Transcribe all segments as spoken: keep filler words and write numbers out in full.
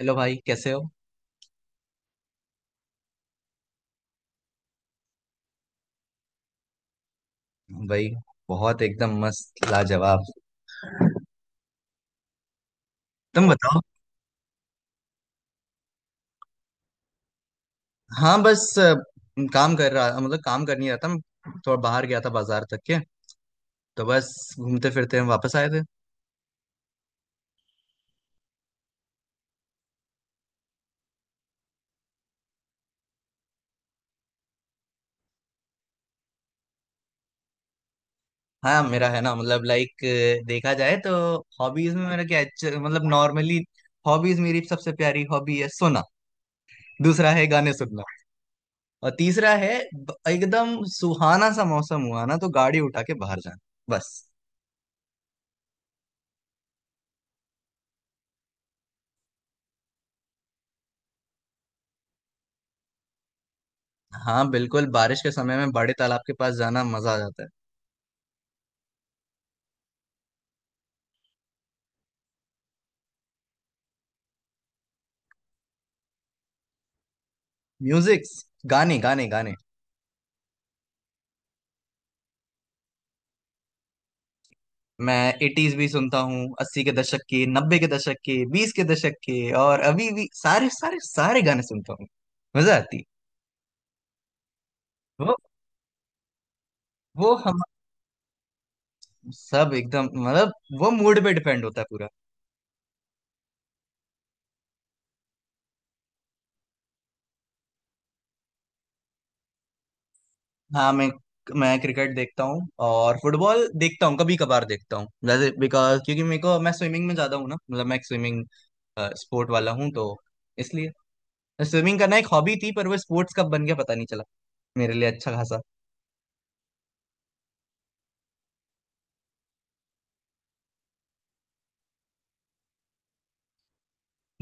Hello भाई, कैसे हो? भाई, बहुत एकदम मस्त, लाजवाब। तुम बताओ। हाँ, बस अ, काम कर रहा, मतलब काम कर नहीं रहा था मैं। थोड़ा बाहर गया था बाजार तक के, तो बस घूमते फिरते हम वापस आए थे। हाँ, मेरा है ना, मतलब लाइक देखा जाए तो हॉबीज में मेरा क्या है, च- मतलब नॉर्मली हॉबीज, मेरी सबसे प्यारी हॉबी है सोना। दूसरा है गाने सुनना। और तीसरा है ब- एकदम सुहाना सा मौसम हुआ ना तो गाड़ी उठा के बाहर जाना, बस। हाँ बिल्कुल, बारिश के समय में बड़े तालाब के पास जाना मजा आ जाता है। म्यूजिक्स। गाने, गाने, गाने। मैं एटीज भी सुनता हूँ। अस्सी के दशक के, नब्बे के दशक के, बीस के दशक के, और अभी भी सारे, सारे, सारे गाने सुनता हूँ। मजा आती है। वो वो हम सब एकदम, मतलब वो मूड पे डिपेंड होता है पूरा। हाँ, मैं मैं क्रिकेट देखता हूँ और फुटबॉल देखता हूँ, कभी कभार देखता हूँ, जैसे बिकॉज क्योंकि मेरे को मैं स्विमिंग में ज्यादा हूँ ना, मतलब मैं एक स्विमिंग स्पोर्ट वाला हूँ, तो इसलिए स्विमिंग करना एक हॉबी थी पर वो स्पोर्ट्स कब बन गया पता नहीं चला मेरे लिए, अच्छा खासा।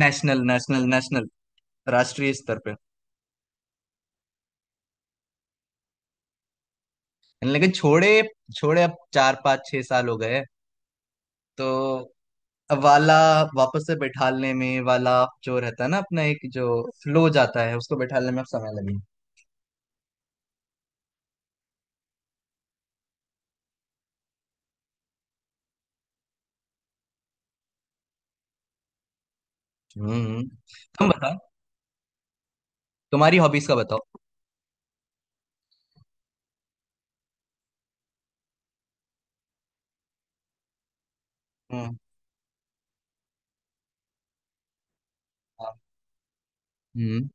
National, national, national. राष्ट्रीय स्तर पे। लेकिन छोड़े, छोड़े अब चार पाँच छह साल हो गए, तो अब वाला वापस से बैठालने में वाला जो रहता है ना, अपना एक जो फ्लो जाता है, उसको बैठालने में अब समय लगे। हम्म, हम्म। तुम बताओ। तुम्हारी हॉबीज का बताओ। हम्म। हाँ, हम्म,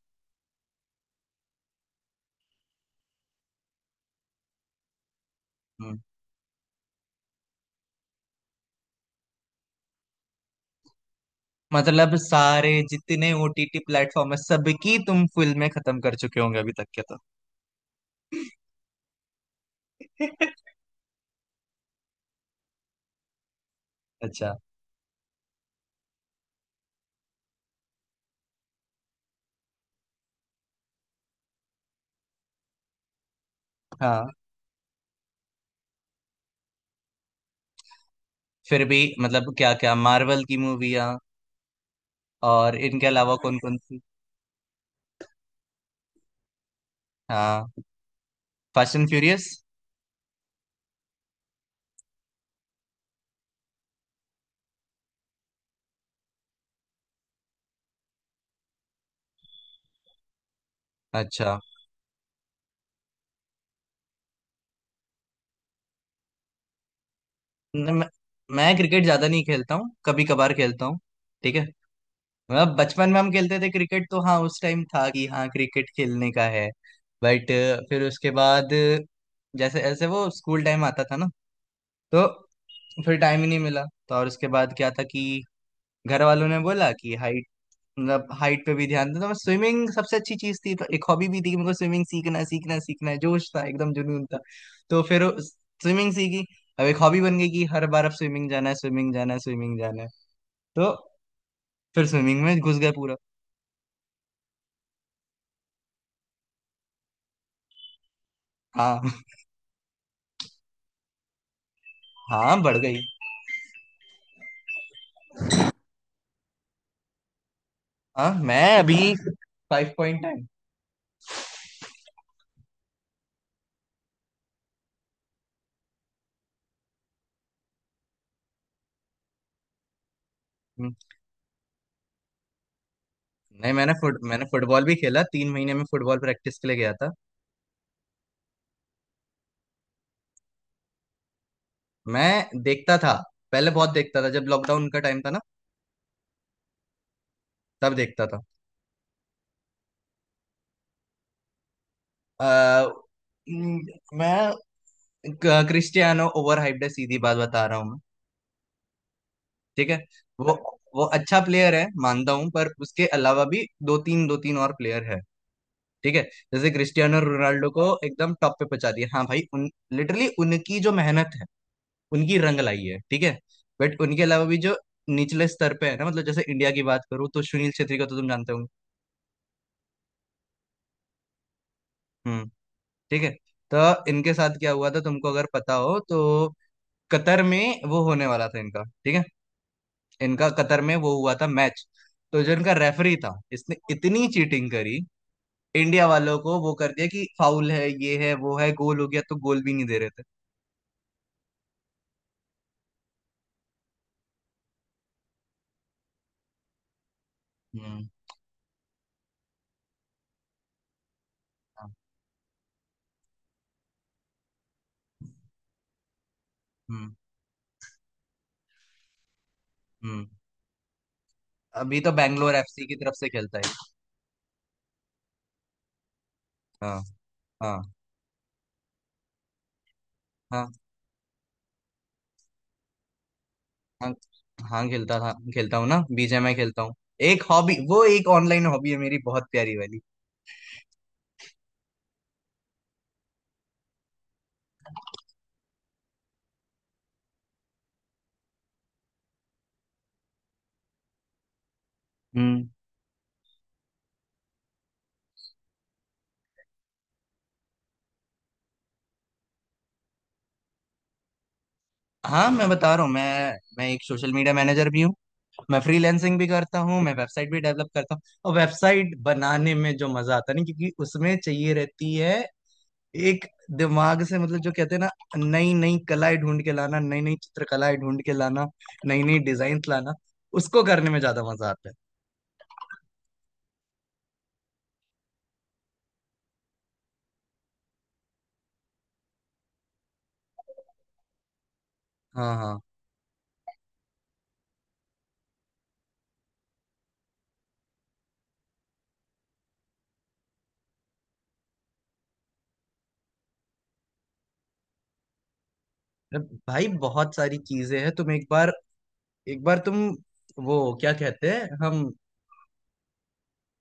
हम्म। मतलब सारे जितने ओ टी टी प्लेटफॉर्म है, सबकी तुम फिल्में खत्म कर चुके होंगे अभी तक के, तो? अच्छा। हाँ। फिर भी मतलब क्या क्या मार्वल की मूवियाँ, और इनके अलावा हाँ कौन कौन सी? हाँ, फास्ट एंड फ्यूरियस। अच्छा। न- मैं, मैं क्रिकेट ज्यादा नहीं खेलता हूँ, कभी कभार खेलता हूँ। ठीक है। मतलब बचपन में हम खेलते थे क्रिकेट तो हाँ उस टाइम था कि हाँ क्रिकेट खेलने का है। बट फिर उसके बाद, जैसे ऐसे वो स्कूल टाइम आता था ना, तो फिर टाइम ही नहीं मिला। तो और उसके बाद क्या था कि घर वालों ने बोला कि हाइट, मतलब हाइट पे भी ध्यान देता मैं। स्विमिंग सबसे अच्छी चीज थी तो एक हॉबी भी थी कि मेरे को स्विमिंग सीखना है, सीखना है, सीखना है। जोश था, एकदम जुनून था। तो फिर स्विमिंग सीखी। अब एक हॉबी बन गई कि हर बार अब स्विमिंग जाना है, स्विमिंग जाना है, स्विमिंग जाना है। तो फिर स्विमिंग में घुस गए पूरा। हाँ। हाँ, बढ़ गई। हाँ, मैं अभी फाइव पॉइंट टाइम। नहीं, मैंने फुट मैंने फुटबॉल भी खेला, तीन महीने में फुटबॉल प्रैक्टिस के लिए गया था। मैं देखता था। पहले बहुत देखता था जब लॉकडाउन का टाइम था ना, तब देखता था। अ, मैं, क- क्रिस्टियानो ओवर हाइप्ड है, सीधी बात बता रहा हूँ मैं। ठीक है। वो वो अच्छा प्लेयर है मानता हूँ, पर उसके अलावा भी दो तीन, दो तीन और प्लेयर है। ठीक है। जैसे क्रिस्टियानो रोनाल्डो को एकदम टॉप पे पहुंचा दिया, हाँ भाई, उन लिटरली उनकी जो मेहनत है उनकी रंग लाई है। ठीक है। बट उनके अलावा भी जो निचले स्तर पे है ना, मतलब जैसे इंडिया की बात करूँ तो सुनील छेत्री का तो तुम जानते होंगे। हम्म। ठीक है। तो इनके साथ क्या हुआ था तुमको, अगर पता हो तो, कतर में वो होने वाला था इनका, ठीक है? इनका कतर में वो हुआ था मैच। तो जो इनका रेफरी था इसने इतनी चीटिंग करी, इंडिया वालों को वो कर दिया कि फाउल है, ये है, वो है, गोल हो गया तो गोल भी नहीं दे रहे थे। हम्म। हाँ, हम्म, हम्म। अभी तो बैंगलोर एफ सी की तरफ से खेलता है। हाँ। हाँ। हाँ। हाँ, हाँ खेलता था, खेलता हूँ ना, बी जे में खेलता हूँ। एक हॉबी, वो एक ऑनलाइन हॉबी है मेरी, बहुत प्यारी वाली। हम्म। हाँ, मैं बता रहा हूँ, मैं मैं एक सोशल मीडिया मैनेजर भी हूँ। मैं फ्रीलैंसिंग भी करता हूँ, मैं वेबसाइट भी डेवलप करता हूँ, और वेबसाइट बनाने में जो मजा आता है ना, क्योंकि उसमें चाहिए रहती है एक दिमाग से। मतलब जो कहते हैं ना, नई नई कलाएं ढूंढ के लाना, नई नई चित्रकलाएं ढूंढ के लाना, नई नई डिजाइन लाना, उसको करने में ज्यादा मजा आता है। हाँ। हाँ। अब भाई बहुत सारी चीजें हैं, तुम एक बार, एक बार तुम, वो क्या कहते हैं हम,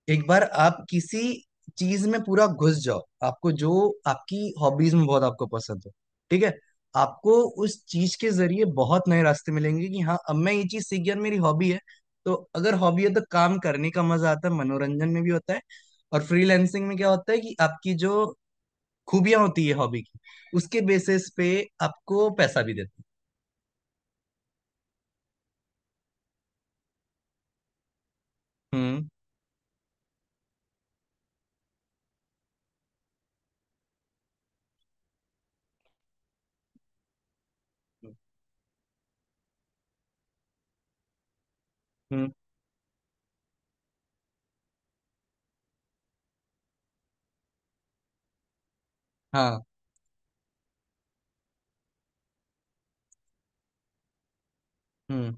एक बार आप किसी चीज में पूरा घुस जाओ, आपको जो आपकी हॉबीज में बहुत आपको पसंद हो। ठीक है? आपको उस चीज के जरिए बहुत नए रास्ते मिलेंगे कि हाँ अब मैं ये चीज सीख गया, मेरी हॉबी है। तो अगर हॉबी है तो काम करने का मजा आता है, मनोरंजन में भी होता है। और फ्रीलैंसिंग में क्या होता है कि आपकी जो खूबियां होती है हॉबी की, उसके बेसिस पे आपको पैसा भी देते हैं। हम्म। हम्म। हाँ। हम्म,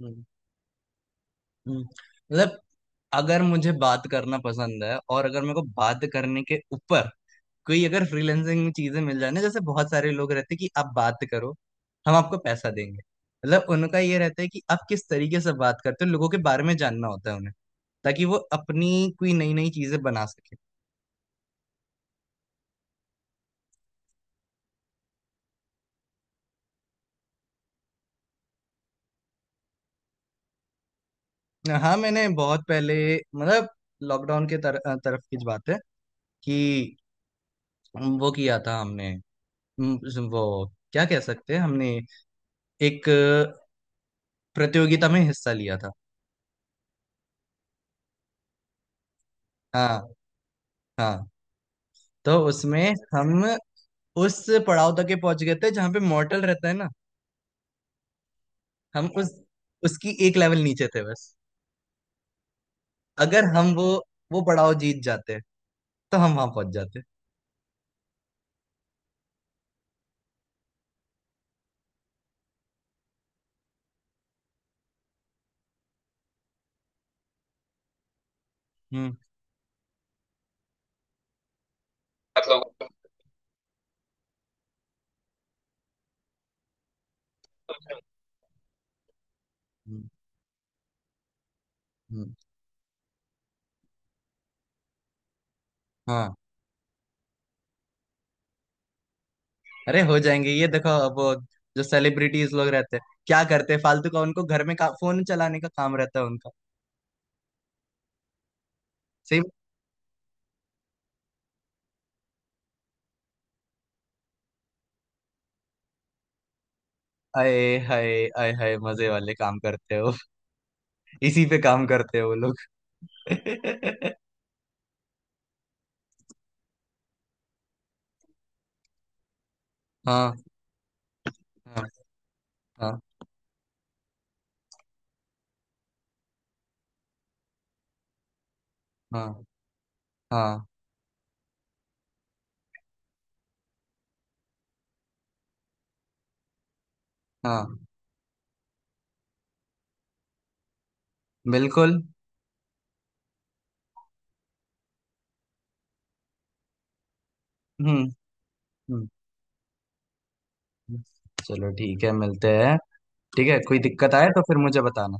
हम्म, हम्म। मतलब अगर मुझे बात करना पसंद है, और अगर मेरे को बात करने के ऊपर कोई, अगर फ्रीलांसिंग में चीजें मिल जाए ना, जैसे बहुत सारे लोग रहते हैं कि आप बात करो, हम आपको पैसा देंगे, मतलब उनका ये रहता है कि आप किस तरीके से बात करते हो, लोगों के बारे में जानना होता है उन्हें, ताकि वो अपनी कोई नई नई चीजें बना सके। हाँ, मैंने बहुत पहले, मतलब लॉकडाउन के तर, तरफ की बात है, कि वो किया था हमने। हम्म, वो क्या कह सकते हैं, हमने एक प्रतियोगिता में हिस्सा लिया था। हाँ। हाँ, तो उसमें हम उस पड़ाव तक के पहुंच गए थे जहां पे मॉर्टल रहता है ना। हम उस उसकी एक लेवल नीचे थे, बस। अगर हम वो वो पड़ाव जीत जाते तो हम वहां पहुंच जाते। हम्म। मतलब, हम्म, हम्म, हाँ। अरे हो जाएंगे। ये देखो, अब वो जो सेलिब्रिटीज लोग रहते हैं क्या करते हैं, फालतू का उनको घर में का, फोन चलाने का काम रहता है उनका। सही। आए हाय, आए हाय, मजे वाले काम करते हो। इसी पे काम करते हो वो लोग। हाँ। हाँ। हाँ। हाँ, हाँ, हाँ, बिल्कुल। हम्म। हम्म, हम्म। चलो ठीक है, मिलते हैं। ठीक है, कोई दिक्कत आए तो फिर मुझे बताना।